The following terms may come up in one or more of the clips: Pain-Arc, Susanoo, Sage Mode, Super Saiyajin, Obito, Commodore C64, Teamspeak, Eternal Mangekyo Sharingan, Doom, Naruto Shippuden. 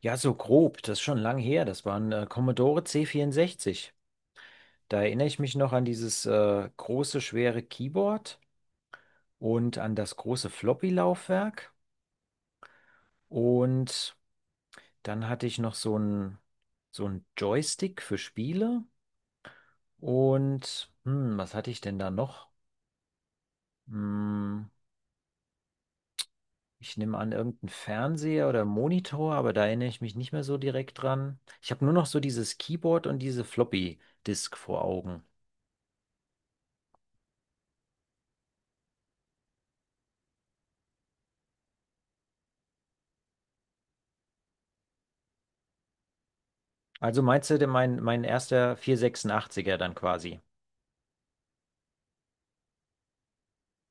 Ja, so grob, das ist schon lang her. Das waren Commodore C64. Da erinnere ich mich noch an dieses große, schwere Keyboard und an das große Floppy-Laufwerk. Und dann hatte ich noch so ein Joystick für Spiele. Und was hatte ich denn da noch? Hm, ich nehme an, irgendein Fernseher oder Monitor, aber da erinnere ich mich nicht mehr so direkt dran. Ich habe nur noch so dieses Keyboard und diese Floppy-Disk vor Augen. Also meinst du denn mein erster vierhundertsechsundachtziger dann quasi?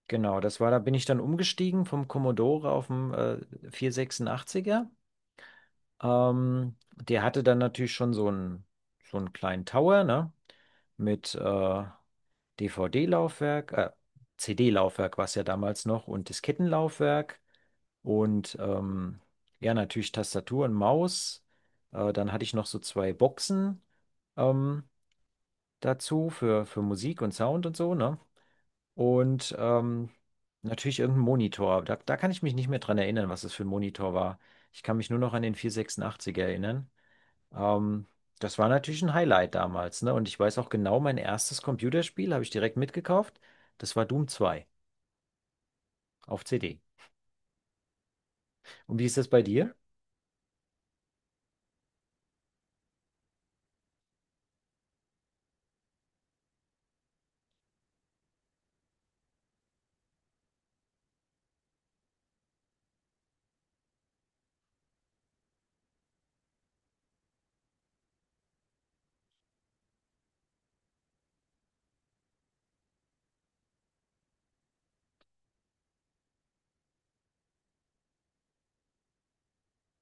Genau, das war, da bin ich dann umgestiegen vom Commodore auf den 486. Der hatte dann natürlich schon so einen kleinen Tower, ne? Mit DVD-Laufwerk, CD-Laufwerk war es ja damals noch, und Diskettenlaufwerk und ja, natürlich Tastatur und Maus. Dann hatte ich noch so zwei Boxen. Ähm, dazu für Musik und Sound und so, ne? Und natürlich irgendein Monitor. Da, da kann ich mich nicht mehr dran erinnern, was es für ein Monitor war. Ich kann mich nur noch an den 486 erinnern. Ähm, das war natürlich ein Highlight damals, ne? Und ich weiß auch genau, mein erstes Computerspiel habe ich direkt mitgekauft. Das war Doom zwei auf CD. Und wie ist das bei dir?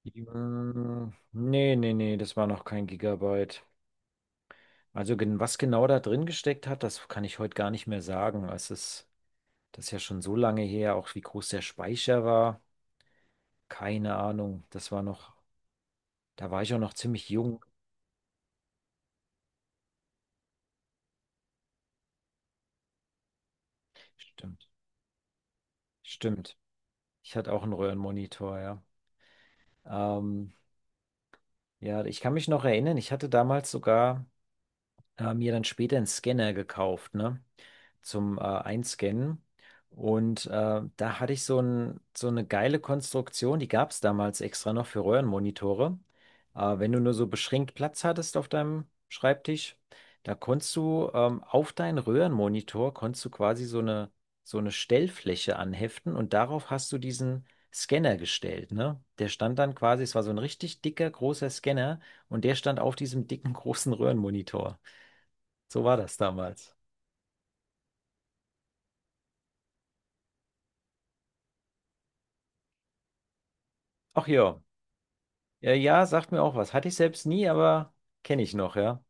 Mm, nee, nee, nee, das war noch kein Gigabyte. Also was genau da drin gesteckt hat, das kann ich heute gar nicht mehr sagen. Es ist, das ist ja schon so lange her, auch wie groß der Speicher war. Keine Ahnung. Das war noch, da war ich auch noch ziemlich jung. Stimmt. Stimmt. Ich hatte auch einen Röhrenmonitor, ja. Ähm, ja, ich kann mich noch erinnern, ich hatte damals sogar mir dann später einen Scanner gekauft, ne? Zum Einscannen. Und da hatte ich so ein, so eine geile Konstruktion, die gab es damals extra noch für Röhrenmonitore. Wenn du nur so beschränkt Platz hattest auf deinem Schreibtisch, da konntest du auf deinen Röhrenmonitor konntest du quasi so eine Stellfläche anheften, und darauf hast du diesen Scanner gestellt, ne? Der stand dann quasi, es war so ein richtig dicker, großer Scanner, und der stand auf diesem dicken, großen Röhrenmonitor. So war das damals. Ach ja. Ja, ja, sagt mir auch was. Hatte ich selbst nie, aber kenne ich noch, ja.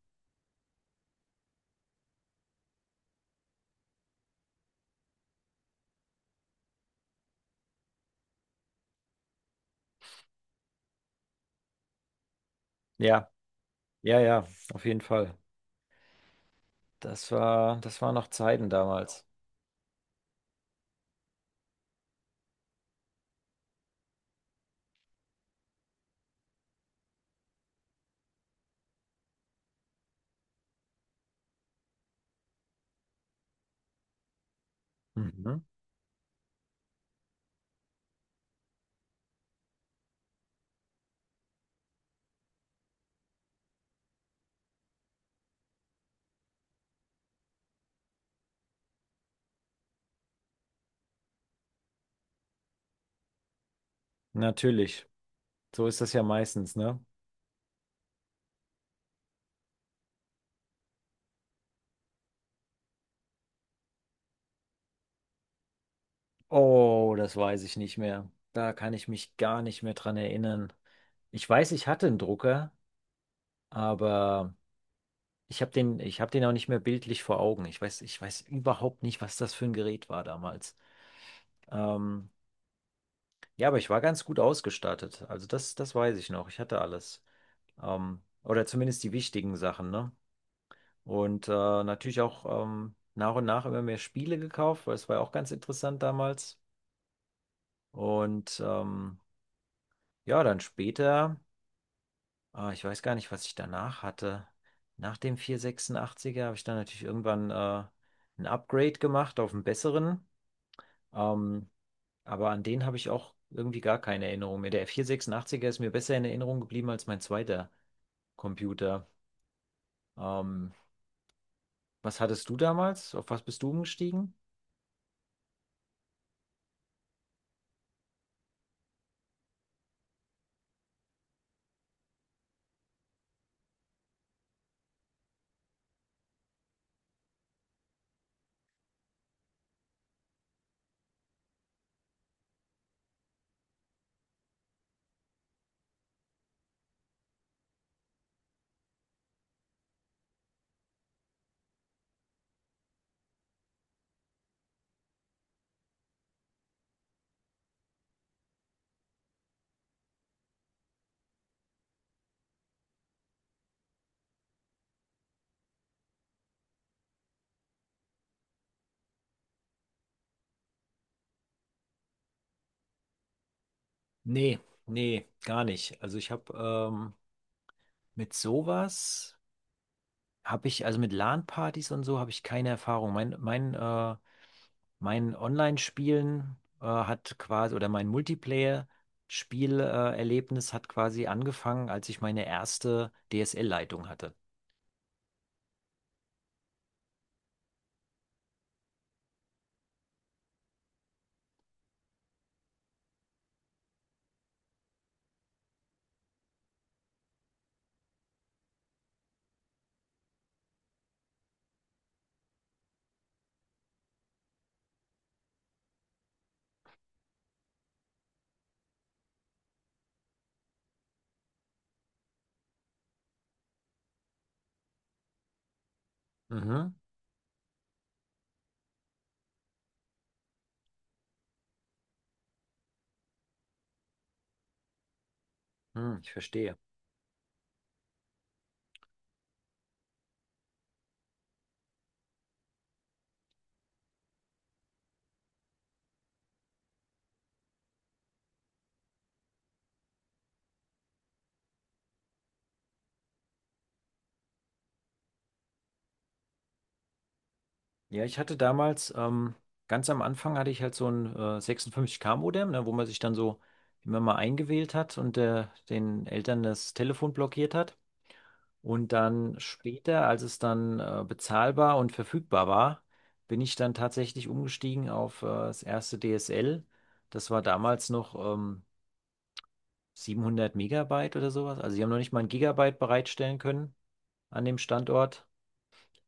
Ja, ja, ja, auf jeden Fall. Das war, das waren noch Zeiten damals. Mhm. Natürlich. So ist das ja meistens, ne? Oh, das weiß ich nicht mehr. Da kann ich mich gar nicht mehr dran erinnern. Ich weiß, ich hatte einen Drucker, aber ich habe den auch nicht mehr bildlich vor Augen. Ich weiß überhaupt nicht, was das für ein Gerät war damals. Ähm, Ja, aber ich war ganz gut ausgestattet. Also das, das weiß ich noch. Ich hatte alles. Oder zumindest die wichtigen Sachen, ne? Und natürlich auch nach und nach immer mehr Spiele gekauft, weil es war ja auch ganz interessant damals. Und ja, dann später, ich weiß gar nicht, was ich danach hatte. Nach dem 486er habe ich dann natürlich irgendwann ein Upgrade gemacht auf einen besseren. Ähm, Aber an den habe ich auch irgendwie gar keine Erinnerung mehr. Der F486er ist mir besser in Erinnerung geblieben als mein zweiter Computer. Ähm, was hattest du damals? Auf was bist du umgestiegen? Nee, nee, gar nicht. Also ich habe mit sowas, habe ich, also mit LAN-Partys und so, habe ich keine Erfahrung. Mein Online-Spielen hat quasi, oder mein Multiplayer-Spielerlebnis Erlebnis hat quasi angefangen, als ich meine erste DSL-Leitung hatte. Mhm. Hm, ich verstehe. Ja, ich hatte damals, ganz am Anfang hatte ich halt so ein 56K-Modem, ne, wo man sich dann so immer mal eingewählt hat und den Eltern das Telefon blockiert hat. Und dann später, als es dann bezahlbar und verfügbar war, bin ich dann tatsächlich umgestiegen auf das erste DSL. Das war damals noch 700 Megabyte oder sowas. Also sie haben noch nicht mal ein Gigabyte bereitstellen können an dem Standort.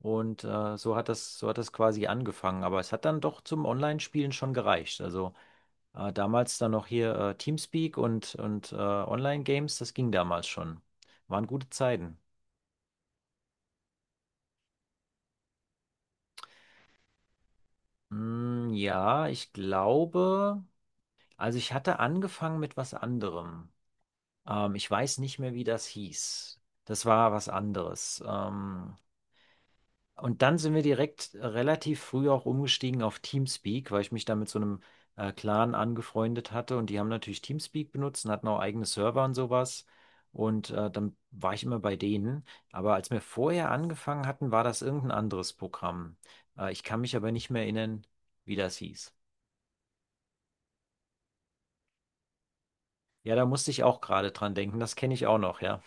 Und so hat das quasi angefangen. Aber es hat dann doch zum Online-Spielen schon gereicht. Also damals dann noch hier Teamspeak und, Online-Games, das ging damals schon. Waren gute Zeiten. Mm, ja, ich glaube, also ich hatte angefangen mit was anderem. Ich weiß nicht mehr, wie das hieß. Das war was anderes. Und dann sind wir direkt relativ früh auch umgestiegen auf Teamspeak, weil ich mich da mit so einem Clan angefreundet hatte, und die haben natürlich Teamspeak benutzt und hatten auch eigene Server und sowas. Und dann war ich immer bei denen. Aber als wir vorher angefangen hatten, war das irgendein anderes Programm. Ich kann mich aber nicht mehr erinnern, wie das hieß. Ja, da musste ich auch gerade dran denken. Das kenne ich auch noch, ja.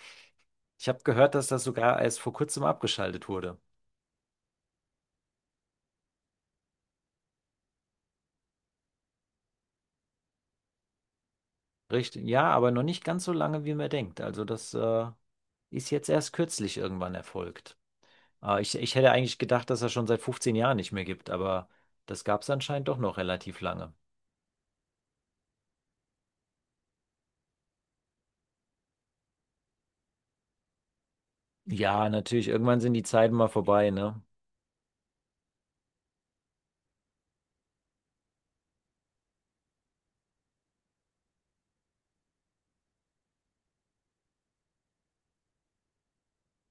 Ich habe gehört, dass das sogar erst vor kurzem abgeschaltet wurde. Richtig, ja, aber noch nicht ganz so lange, wie man denkt. Also das ist jetzt erst kürzlich irgendwann erfolgt. Ich, ich hätte eigentlich gedacht, dass er schon seit 15 Jahren nicht mehr gibt, aber das gab es anscheinend doch noch relativ lange. Ja, natürlich, irgendwann sind die Zeiten mal vorbei, ne?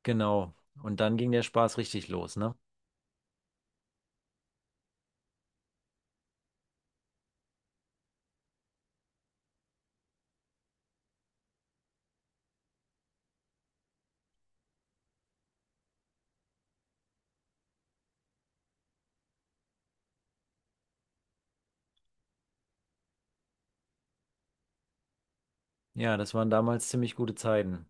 Genau. Und dann ging der Spaß richtig los, ne? Ja, das waren damals ziemlich gute Zeiten.